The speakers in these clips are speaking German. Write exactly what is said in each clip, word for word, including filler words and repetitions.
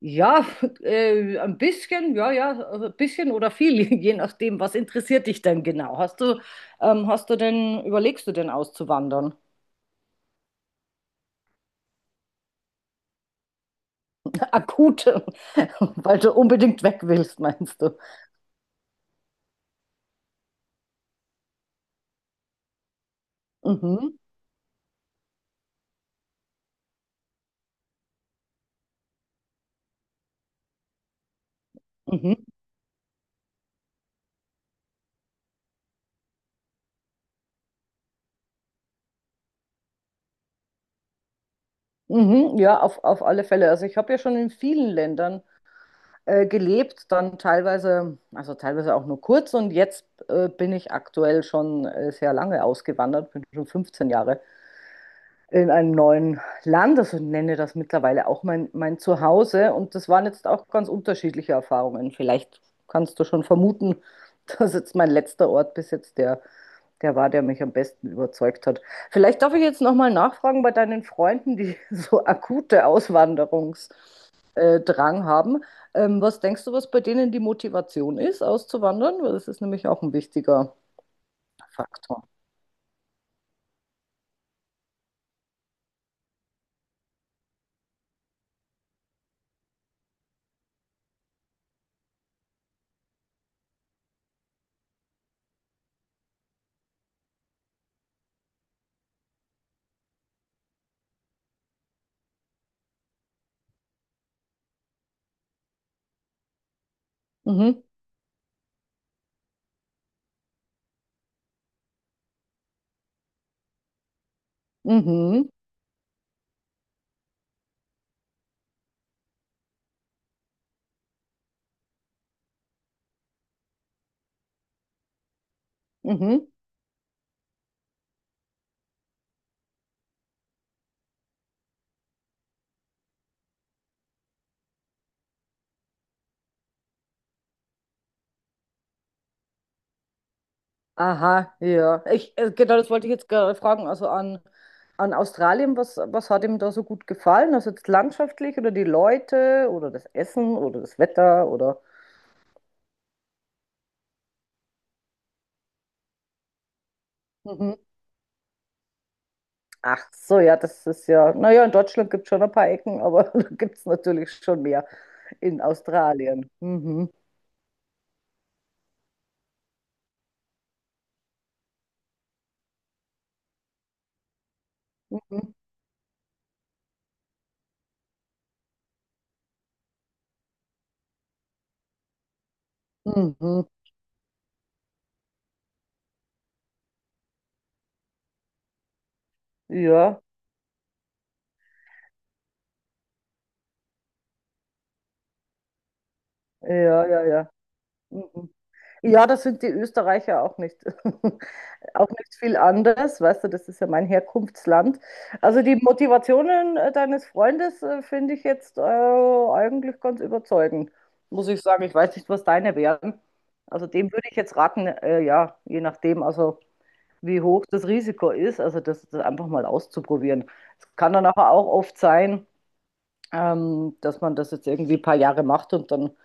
Ja, äh, ein bisschen, ja, ja, also ein bisschen oder viel, je nachdem, was interessiert dich denn genau? Hast du, ähm, hast du denn, überlegst du denn auszuwandern? Akut, weil du unbedingt weg willst, meinst du? Mhm, mhm, mhm, ja, auf, auf alle Fälle. Also ich habe ja schon in vielen Ländern äh, gelebt, dann teilweise, also teilweise auch nur kurz und jetzt äh, bin ich aktuell schon äh, sehr lange ausgewandert, bin schon fünfzehn Jahre in einem neuen Land, also nenne das mittlerweile auch mein, mein Zuhause. Und das waren jetzt auch ganz unterschiedliche Erfahrungen. Vielleicht kannst du schon vermuten, dass jetzt mein letzter Ort bis jetzt der, der war, der mich am besten überzeugt hat. Vielleicht darf ich jetzt nochmal nachfragen bei deinen Freunden, die so akute Auswanderungsdrang haben. Ähm, was denkst du, was bei denen die Motivation ist, auszuwandern? Weil das ist nämlich auch ein wichtiger Faktor. Mhm, mhm, mhm. Aha, ja. Ich, äh, genau, das wollte ich jetzt gerade fragen. Also an, an Australien, was, was hat ihm da so gut gefallen? Also jetzt landschaftlich oder die Leute oder das Essen oder das Wetter oder. Mhm. Ach so, ja, das ist ja. Naja, in Deutschland gibt es schon ein paar Ecken, aber da gibt es natürlich schon mehr in Australien. Mhm. Mhm. Mhm. Ja, ja, ja, ja. Mhm. Ja, das sind die Österreicher auch nicht. Auch nicht viel anders, weißt du, das ist ja mein Herkunftsland. Also die Motivationen äh, deines Freundes äh, finde ich jetzt äh, eigentlich ganz überzeugend, muss ich sagen. Ich weiß nicht, was deine wären. Also dem würde ich jetzt raten, äh, ja, je nachdem, also wie hoch das Risiko ist, also das, das einfach mal auszuprobieren. Es kann dann aber auch oft sein, ähm, dass man das jetzt irgendwie ein paar Jahre macht und dann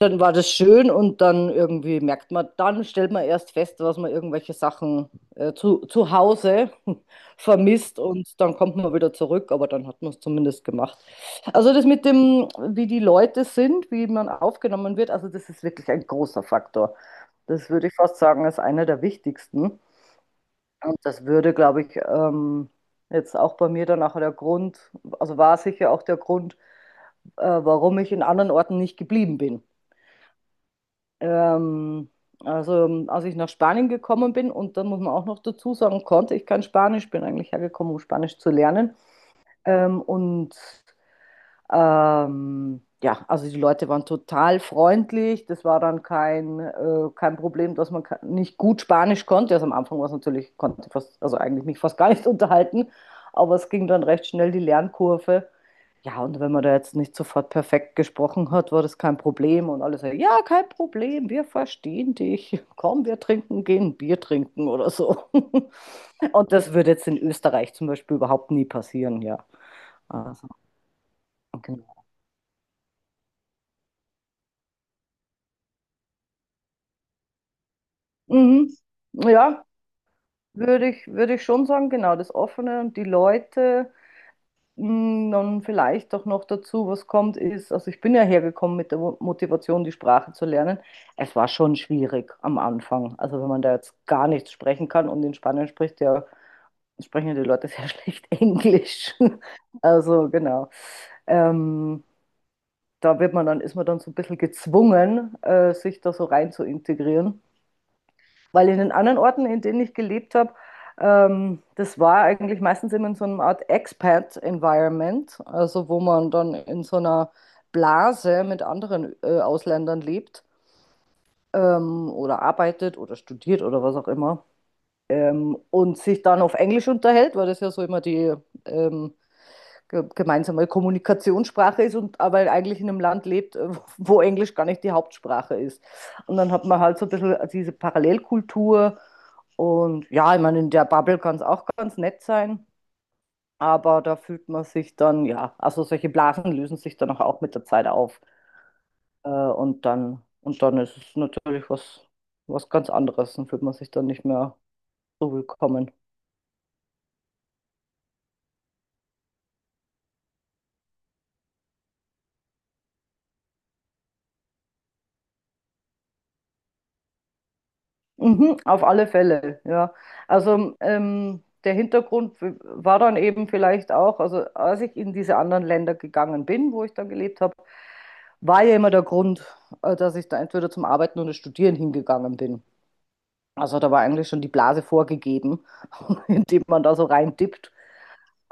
dann war das schön und dann irgendwie merkt man, dann stellt man erst fest, was man irgendwelche Sachen äh, zu, zu Hause vermisst und dann kommt man wieder zurück, aber dann hat man es zumindest gemacht. Also das mit dem, wie die Leute sind, wie man aufgenommen wird, also das ist wirklich ein großer Faktor. Das würde ich fast sagen, ist einer der wichtigsten. Und das würde, glaube ich, ähm, jetzt auch bei mir dann auch der Grund, also war sicher auch der Grund, äh, warum ich in anderen Orten nicht geblieben bin. Ähm, also, ähm, als ich nach Spanien gekommen bin, und dann muss man auch noch dazu sagen, konnte ich kein Spanisch, bin eigentlich hergekommen, um Spanisch zu lernen. Ähm, und ähm, ja, also die Leute waren total freundlich. Das war dann kein, äh, kein Problem, dass man ke- nicht gut Spanisch konnte. Also am Anfang war es natürlich, konnte fast, also eigentlich mich fast gar nicht unterhalten, aber es ging dann recht schnell die Lernkurve. Ja, und wenn man da jetzt nicht sofort perfekt gesprochen hat, war das kein Problem. Und alle so, ja, kein Problem, wir verstehen dich. Komm, wir trinken, gehen Bier trinken oder so. Und das würde jetzt in Österreich zum Beispiel überhaupt nie passieren, ja. Also, genau. Mhm. Ja, würde ich, würde ich schon sagen, genau, das Offene und die Leute. Mm, Dann vielleicht auch noch dazu, was kommt, ist, also ich bin ja hergekommen mit der Mo- Motivation, die Sprache zu lernen. Es war schon schwierig am Anfang. Also wenn man da jetzt gar nichts sprechen kann und in Spanien spricht ja, sprechen ja die Leute sehr schlecht Englisch. Also genau. Ähm, da wird man dann, ist man dann so ein bisschen gezwungen, äh, sich da so rein zu integrieren. Weil in den anderen Orten, in denen ich gelebt habe, ähm, das war eigentlich meistens immer in so einer Art Expat-Environment, also wo man dann in so einer Blase mit anderen äh, Ausländern lebt ähm, oder arbeitet oder studiert oder was auch immer ähm, und sich dann auf Englisch unterhält, weil das ja so immer die ähm, ge- gemeinsame Kommunikationssprache ist und aber eigentlich in einem Land lebt, äh, wo Englisch gar nicht die Hauptsprache ist. Und dann hat man halt so ein bisschen diese Parallelkultur und ja, ich meine, in der Bubble kann es auch ganz nett sein, aber da fühlt man sich dann, ja, also solche Blasen lösen sich dann auch, auch mit der Zeit auf äh, und dann und dann ist es natürlich was, was, ganz anderes, dann fühlt man sich dann nicht mehr so willkommen. Mhm, auf alle Fälle, ja. Also ähm, der Hintergrund w- war dann eben vielleicht auch, also als ich in diese anderen Länder gegangen bin, wo ich dann gelebt habe, war ja immer der Grund, äh, dass ich da entweder zum Arbeiten oder Studieren hingegangen bin. Also da war eigentlich schon die Blase vorgegeben, indem man da so reindippt.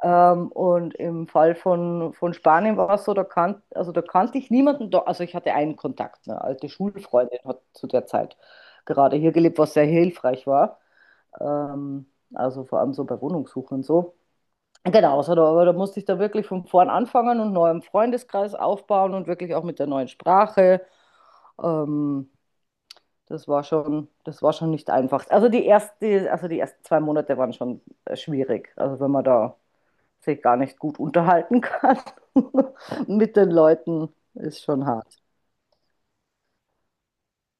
Ähm, und im Fall von, von Spanien war es so, da, kan also da kannte ich niemanden, da, also ich hatte einen Kontakt, eine alte Schulfreundin hat zu der Zeit gerade hier gelebt, was sehr hilfreich war. Ähm, also vor allem so bei Wohnungssuche und so. Genau, also da, aber da musste ich da wirklich von vorn anfangen und neuem Freundeskreis aufbauen und wirklich auch mit der neuen Sprache. Ähm, das war schon, das war schon nicht einfach. Also die erste, also die ersten zwei Monate waren schon äh, schwierig. Also wenn man da sich gar nicht gut unterhalten kann mit den Leuten, ist schon hart.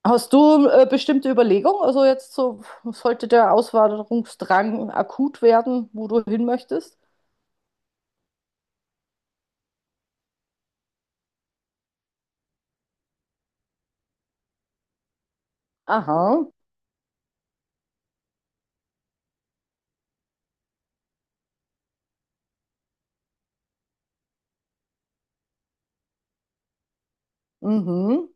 Hast du äh, bestimmte Überlegungen? Also jetzt so, sollte der Auswanderungsdrang akut werden, wo du hin möchtest? Aha, mhm,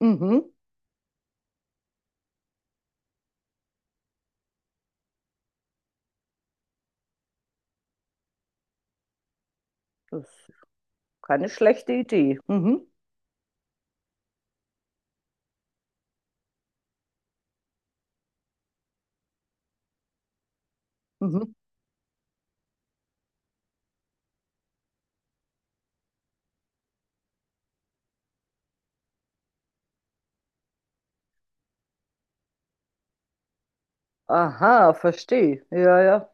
mhm. Das ist keine schlechte Idee. Mhm, mhm. Aha, verstehe. Ja, ja.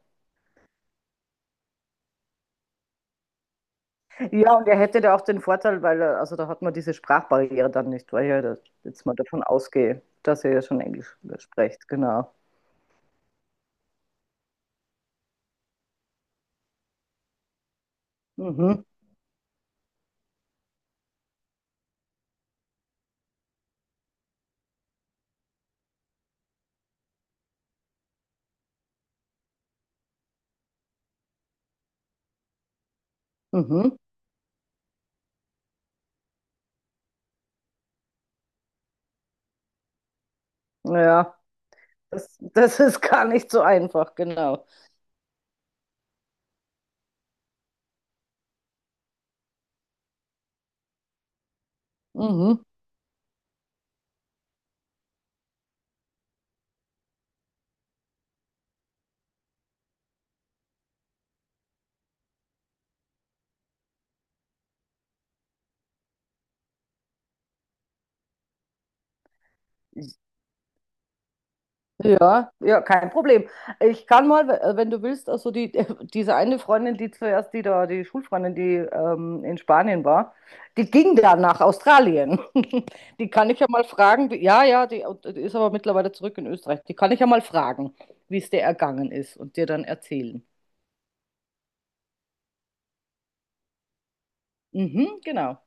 Ja, und er hätte da auch den Vorteil, weil er, also da hat man diese Sprachbarriere dann nicht, weil ich ja da jetzt mal davon ausgehe, dass er ja schon Englisch spricht, genau. Mhm, mhm. Ja, das, das ist gar nicht so einfach, genau. Mhm. Ja, ja, kein Problem. Ich kann mal, äh, wenn du willst, also die, diese eine Freundin, die zuerst, die da, die Schulfreundin, die ähm, in Spanien war, die ging dann nach Australien. Die kann ich ja mal fragen, wie, ja, ja, die, die ist aber mittlerweile zurück in Österreich. Die kann ich ja mal fragen, wie es dir ergangen ist und dir dann erzählen. Mhm, genau.